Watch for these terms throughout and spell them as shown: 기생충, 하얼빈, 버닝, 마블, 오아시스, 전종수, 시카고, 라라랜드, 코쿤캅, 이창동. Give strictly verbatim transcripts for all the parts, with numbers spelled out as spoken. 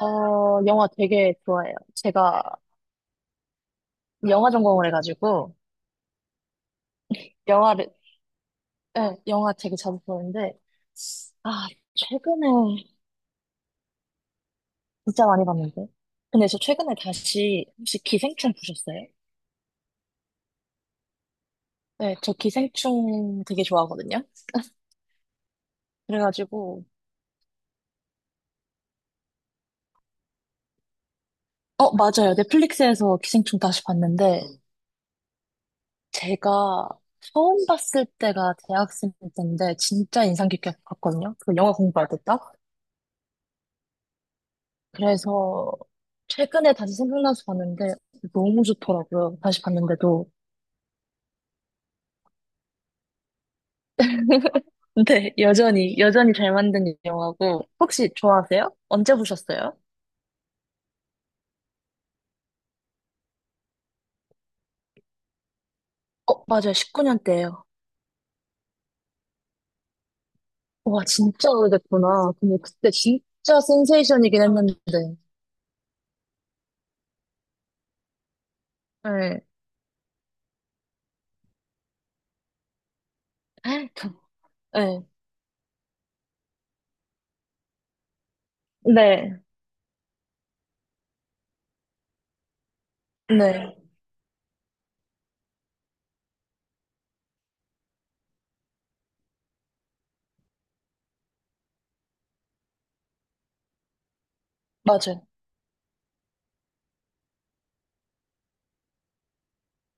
어, 영화 되게 좋아해요. 제가 영화 전공을 해가지고, 영화를, 예, 영화 되게 자주 보는데, 아, 최근에 진짜 많이 봤는데. 근데 저 최근에 다시, 혹시 기생충 보셨어요? 네, 저 기생충 되게 좋아하거든요. 그래가지고, 어, 맞아요. 넷플릭스에서 기생충 다시 봤는데, 제가 처음 봤을 때가 대학생 때인데, 진짜 인상 깊게 봤거든요. 그 영화 공부할 때 딱. 그래서 최근에 다시 생각나서 봤는데 너무 좋더라고요. 다시 봤는데도. 근데 여전히, 여전히 잘 만든 영화고. 혹시 좋아하세요? 언제 보셨어요? 어, 맞아요. 십구 년 때예요. 와, 진짜 오래됐구나. 근데 그때 진짜 센세이션이긴 했는데. 네. 네. 네. 네. 맞아요.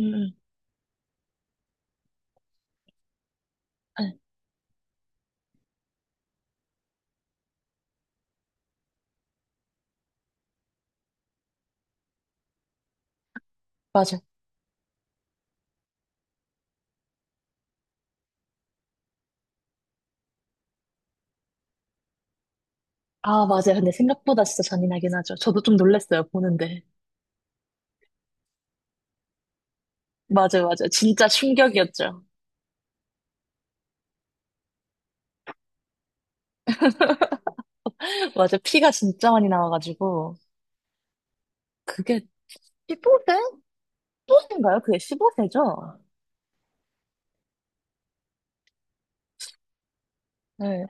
음, 음. 네. 맞아요. 아, 맞아요. 근데 생각보다 진짜 잔인하긴 하죠. 저도 좀 놀랐어요, 보는데. 맞아요, 맞아요. 진짜 충격이었죠. 맞아. 피가 진짜 많이 나와가지고. 그게 십오 세? 십오 세인가요? 그게 십오 세죠? 네.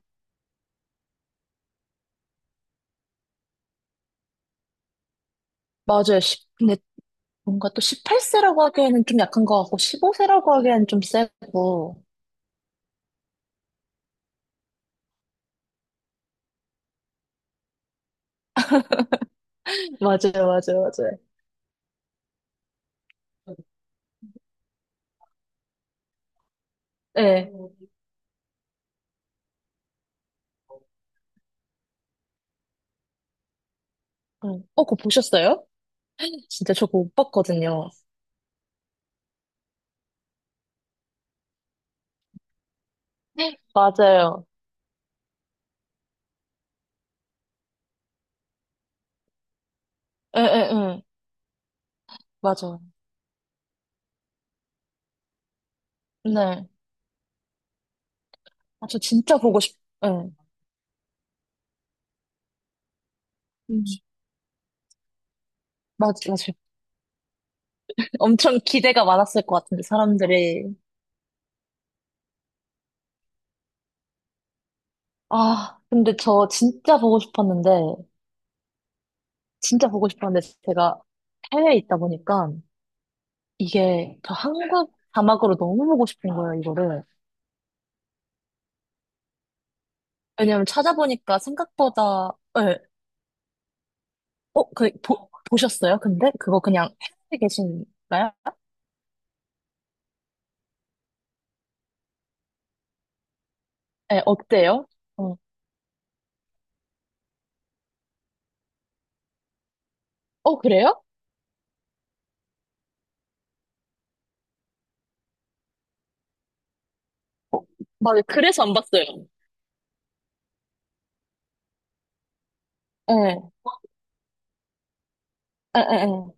맞아요. 십- 근데 뭔가 또 십팔 세라고 하기에는 좀 약한 것 같고, 십오 세라고 하기에는 좀 세고. 맞아요, 맞아요, 맞아요. 네. 응. 어, 그거 보셨어요? 진짜 저거 못 봤거든요. 맞아요. 예, 예, 예. 맞아요. 네. 아, 저 진짜 보고 싶, 예. 음. 맞, 맞아요. 엄청 기대가 많았을 것 같은데, 사람들이. 아, 근데 저 진짜 보고 싶었는데, 진짜 보고 싶었는데, 제가 해외에 있다 보니까, 이게 저 한국 자막으로 너무 보고 싶은 거예요, 이거를. 왜냐면 찾아보니까 생각보다, 예, 어, 그, 보, 보셨어요? 근데? 그거 그냥 해외에 계신가요? 예, 어때요? 어, 어, 그래요? 맞아요. 그래서 안 봤어요. 예, 예, 예, 예.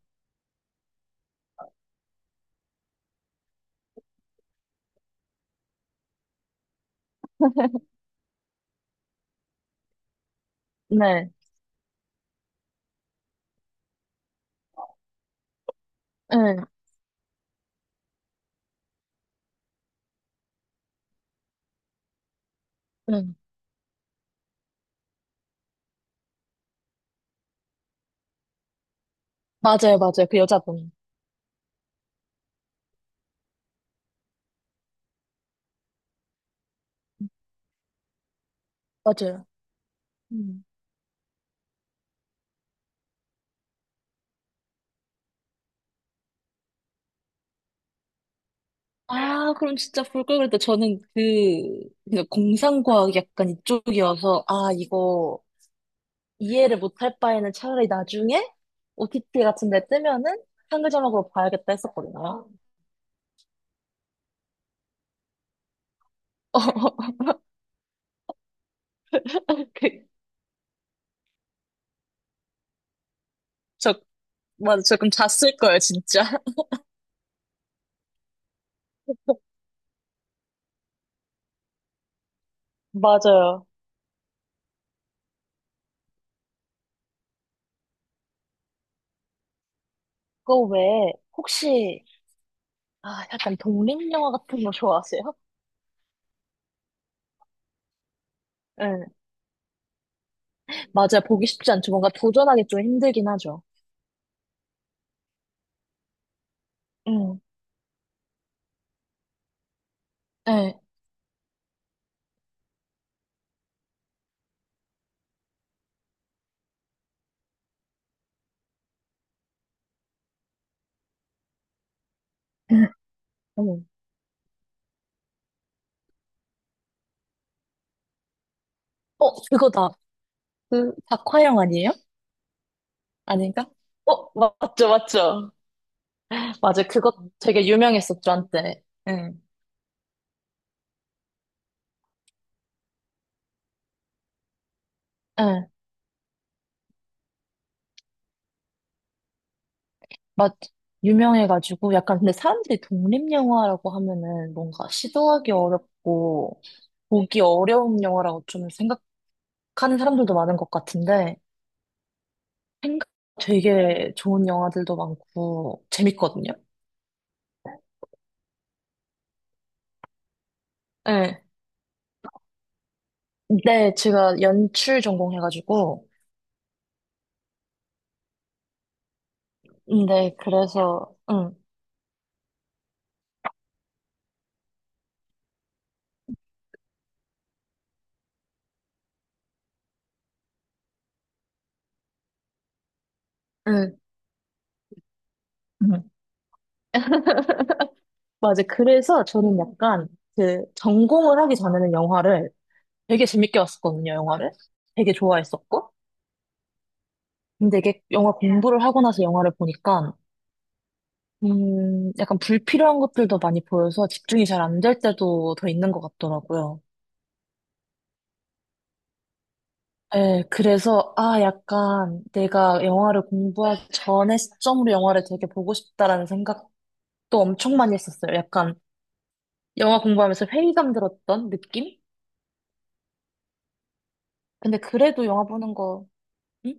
네, 예, 예. 맞아요, 맞아요. 그 여자분. 맞아요. 음. 아, 그럼 진짜 볼 걸 그랬다. 저는 그, 그냥 공상과학 약간 이쪽이어서, 아, 이거 이해를 못할 바에는 차라리 나중에 오티티 같은 데 뜨면은 한글 자막으로 봐야겠다 했었거든요. 어, 그, 저, 맞아. 저 그럼 잤을 거예요, 진짜. 맞아요. 그거 외에, 혹시, 아, 약간 독립영화 같은 거 좋아하세요? 네. 맞아요. 보기 쉽지 않죠. 뭔가 도전하기 좀 힘들긴 하죠. 응. 네. 음. 어, 그거다. 그, 박화영 아니에요? 아닌가? 어, 맞죠, 맞죠. 맞아요. 그거 음. 되게 유명했었죠, 한때. 응. 응, 맞, 유명해가지고, 약간 근데 사람들이 독립영화라고 하면은 뭔가 시도하기 어렵고, 보기 어려운 영화라고 좀 생각하는 사람들도 많은 것 같은데, 생각 되게 좋은 영화들도 많고, 재밌거든요. 네. 네, 제가 연출 전공해가지고, 네, 그래서, 응, 응. 맞아. 그래서 저는 약간 그 전공을 하기 전에는 영화를 되게 재밌게 봤었거든요, 영화를. 되게 좋아했었고. 근데 이게 영화 공부를 하고 나서 영화를 보니까, 음, 약간 불필요한 것들도 많이 보여서 집중이 잘 안 될 때도 더 있는 것 같더라고요. 예, 그래서, 아, 약간 내가 영화를 공부하기 전에 시점으로 영화를 되게 보고 싶다라는 생각도 엄청 많이 했었어요. 약간 영화 공부하면서 회의감 들었던 느낌? 근데 그래도 영화 보는 거, 응?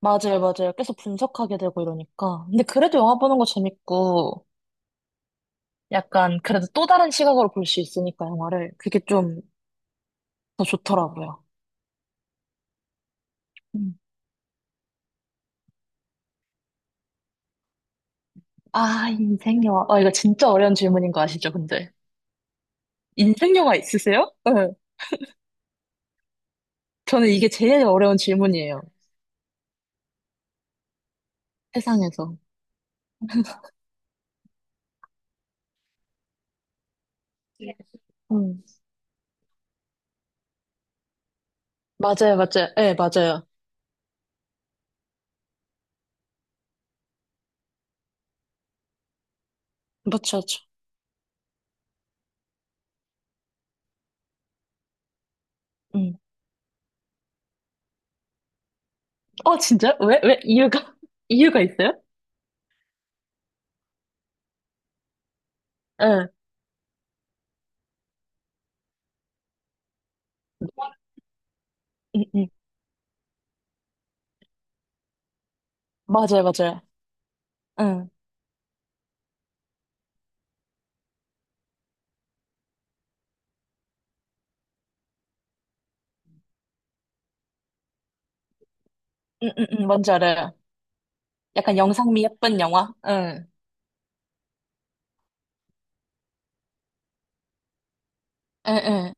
맞아요, 맞아요. 계속 분석하게 되고 이러니까. 근데 그래도 영화 보는 거 재밌고, 약간 그래도 또 다른 시각으로 볼 수 있으니까 영화를. 그게 좀 더 좋더라고요. 음. 아, 인생 영화. 아, 이거 진짜 어려운 질문인 거 아시죠, 근데? 인생 영화 있으세요? 네. 저는 이게 제일 어려운 질문이에요. 세상에서. 네. 음. 맞아요, 맞아요. 예, 네, 맞아요. 맞죠, 맞죠. 음. 어, 진짜? 왜? 왜? 이유가? 이유가 있어요? 예. 음, 음. 맞아요, 맞아요. 응. 응, 응, 응. 뭔지 알아요. 약간 영상미 예쁜 영화? 응, 응, 응.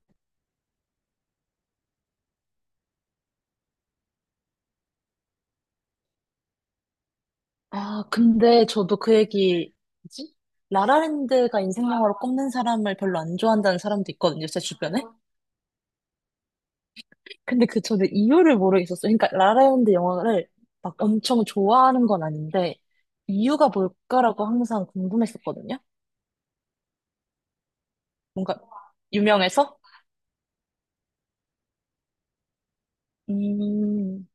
아, 근데 저도 그 얘기, 뭐지? 라라랜드가 인생 영화로 꼽는 사람을 별로 안 좋아한다는 사람도 있거든요, 제 주변에. 근데 그 저도 이유를 모르겠었어요. 그러니까 라라랜드 영화를 막 엄청 좋아하는 건 아닌데, 이유가 뭘까라고 항상 궁금했었거든요. 뭔가 유명해서? 음,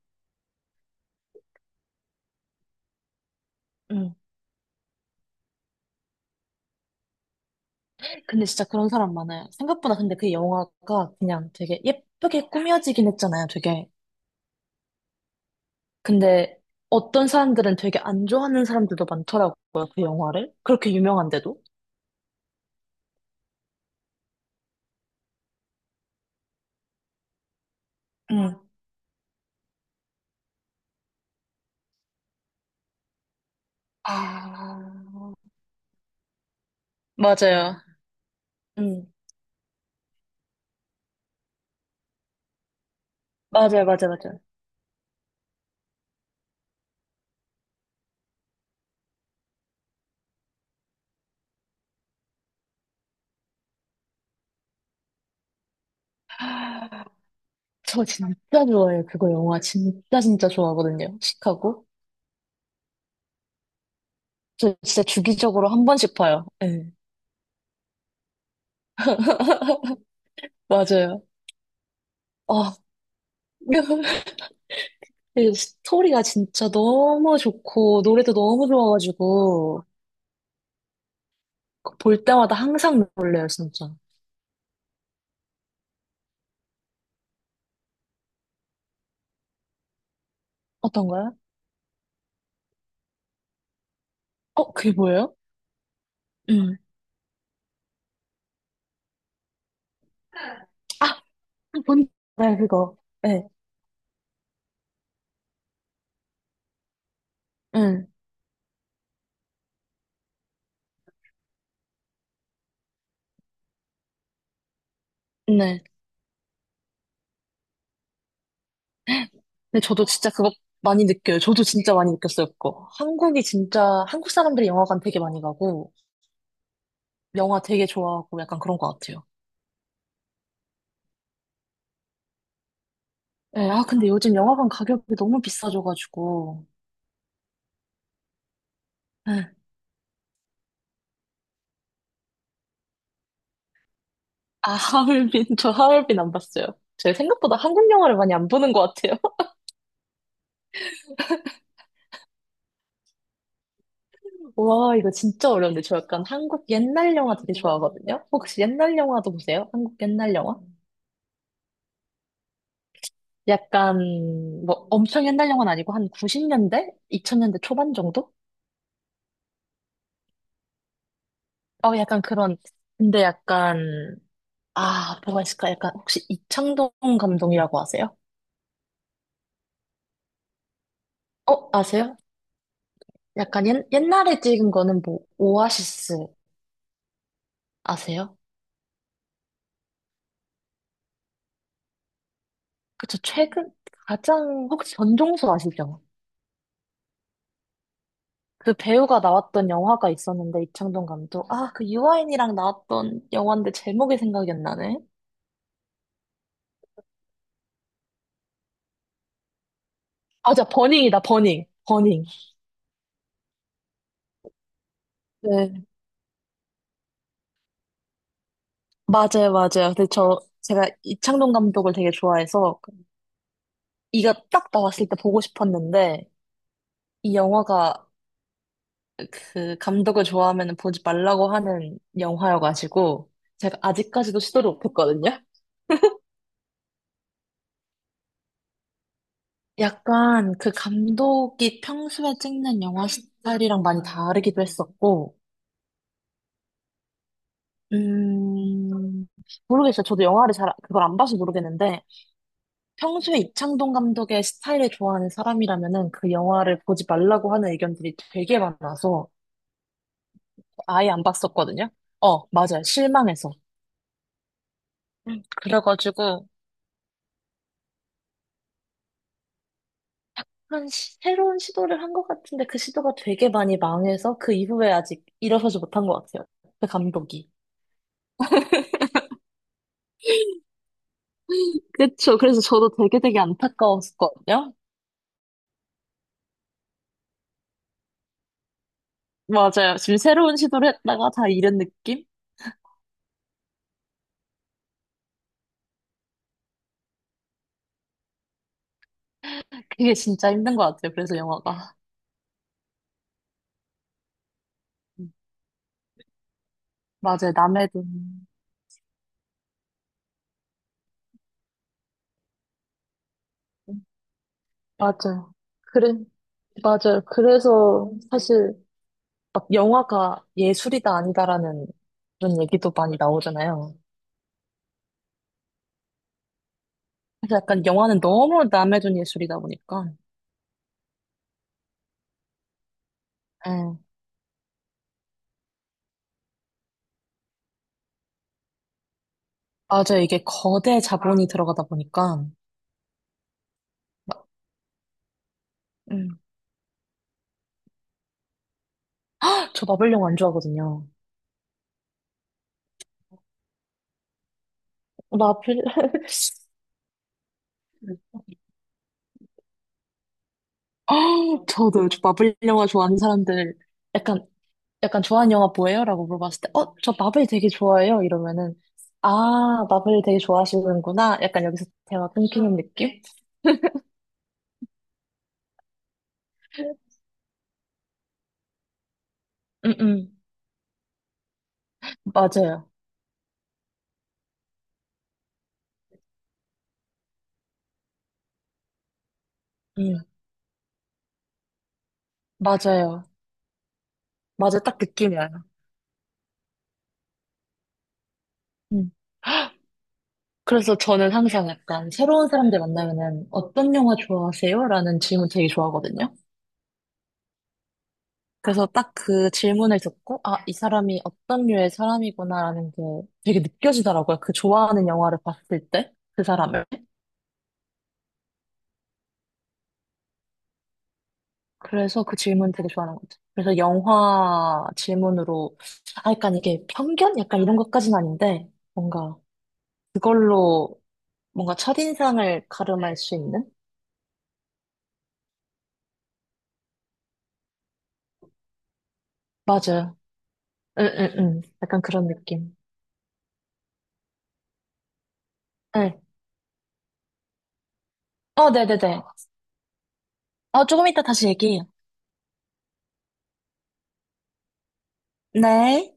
음. 근데 진짜 그런 사람 많아요. 생각보다 근데 그 영화가 그냥 되게 예쁘게 꾸며지긴 했잖아요, 되게. 근데 어떤 사람들은 되게 안 좋아하는 사람들도 많더라고요, 그 영화를. 그렇게 유명한데도. 응. 아, 맞아요. 응. 맞아요, 맞아요, 맞아요. 저 진짜 좋아해요, 그거 영화. 진짜 진짜 좋아하거든요, 시카고. 저 진짜 주기적으로 한 번씩 봐요. 예. 맞아요. 아, 이 스토리가 진짜 너무 좋고, 노래도 너무 좋아가지고, 볼 때마다 항상 놀래요, 진짜. 어떤가요? 어, 그게 뭐예요? 음. 뭔지 알아요, 그거. 네, 응, 네. 근데 저도 진짜 그거 많이 느껴요. 저도 진짜 많이 느꼈어요, 그거. 한국이 진짜, 한국 사람들이 영화관 되게 많이 가고, 영화 되게 좋아하고, 약간 그런 것 같아요. 네, 아, 근데 요즘 영화관 가격이 너무 비싸져가지고. 네. 아, 하얼빈, 저 하얼빈 안 봤어요. 제가 생각보다 한국 영화를 많이 안 보는 것 같아요. 와, 이거 진짜 어려운데. 저 약간 한국 옛날 영화 되게 좋아하거든요. 혹시 옛날 영화도 보세요? 한국 옛날 영화? 약간 뭐 엄청 옛날 영화는 아니고 한 구십 년대? 이천 년대 초반 정도? 어 약간 그런 근데 약간 아 뭐가 있을까? 약간 혹시 이창동 감독이라고 아세요? 어 아세요? 약간 옛, 옛날에 찍은 거는 뭐 오아시스 아세요? 그쵸 최근 가장 혹시 전종수 아시죠? 그 배우가 나왔던 영화가 있었는데 이창동 감독 아 그 유아인이랑 나왔던 영화인데 제목이 생각이 안 나네. 아, 자, 버닝이다, 버닝. 버닝. 네. 맞아요, 맞아요. 근데 저, 제가 이창동 감독을 되게 좋아해서, 이가 딱 나왔을 때 보고 싶었는데, 이 영화가 그 감독을 좋아하면 보지 말라고 하는 영화여가지고, 제가 아직까지도 시도를 못했거든요? 약간 그 감독이 평소에 찍는 영화 스타일이랑 많이 다르기도 했었고, 음, 모르겠어요. 저도 영화를 잘, 그걸 안 봐서 모르겠는데, 평소에 이창동 감독의 스타일을 좋아하는 사람이라면은 그 영화를 보지 말라고 하는 의견들이 되게 많아서 아예 안 봤었거든요. 어, 맞아요. 실망해서. 음, 그래가지고 한 시- 새로운 시도를 한 것 같은데 그 시도가 되게 많이 망해서 그 이후에 아직 일어서지 못한 것 같아요. 그 감독이. 그쵸. 그래서 저도 되게 되게 안타까웠거든요. 맞아요. 지금 새로운 시도를 했다가 다 잃은 느낌? 그게 진짜 힘든 것 같아요. 그래서 영화가. 음, 맞아요. 남의 돈. 맞아요. 그래. 맞아요. 그래서 사실 막 영화가 예술이다 아니다라는 그런 얘기도 많이 나오잖아요. 그래서 약간 영화는 너무 남의 돈 예술이다 보니까. 예. 맞아요. 이게 거대 자본이 들어가다 보니까. 음. 저 마블 영화 안 좋아하거든요. 마블, 아, 저도 저 마블 영화 좋아하는 사람들 약간 약간 좋아하는 영화 뭐예요? 라고 물어봤을 때 어, 저 마블 되게 좋아해요. 이러면은 아, 마블 되게 좋아하시는구나. 약간 여기서 대화 끊기는 느낌? 음, 음. 맞아요. 음, 맞아요. 맞아, 딱 느낌이 와요. 음. 그래서 저는 항상 약간 새로운 사람들 만나면은 어떤 영화 좋아하세요? 라는 질문 되게 좋아하거든요. 그래서 딱 그 질문을 듣고, 아, 이 사람이 어떤 류의 사람이구나라는 게 되게 느껴지더라고요. 그 좋아하는 영화를 봤을 때, 그 사람을. 그래서 그 질문 되게 좋아하는 것 같아요. 그래서 영화 질문으로, 아, 약간 이게 편견? 약간 이런 것까지는 아닌데, 뭔가 그걸로 뭔가 첫인상을 가름할 수 있는? 맞아요. 응, 응, 응. 약간 그런 느낌. 네. 어, 네네네. 어, 조금 이따 다시 얘기해요. 네.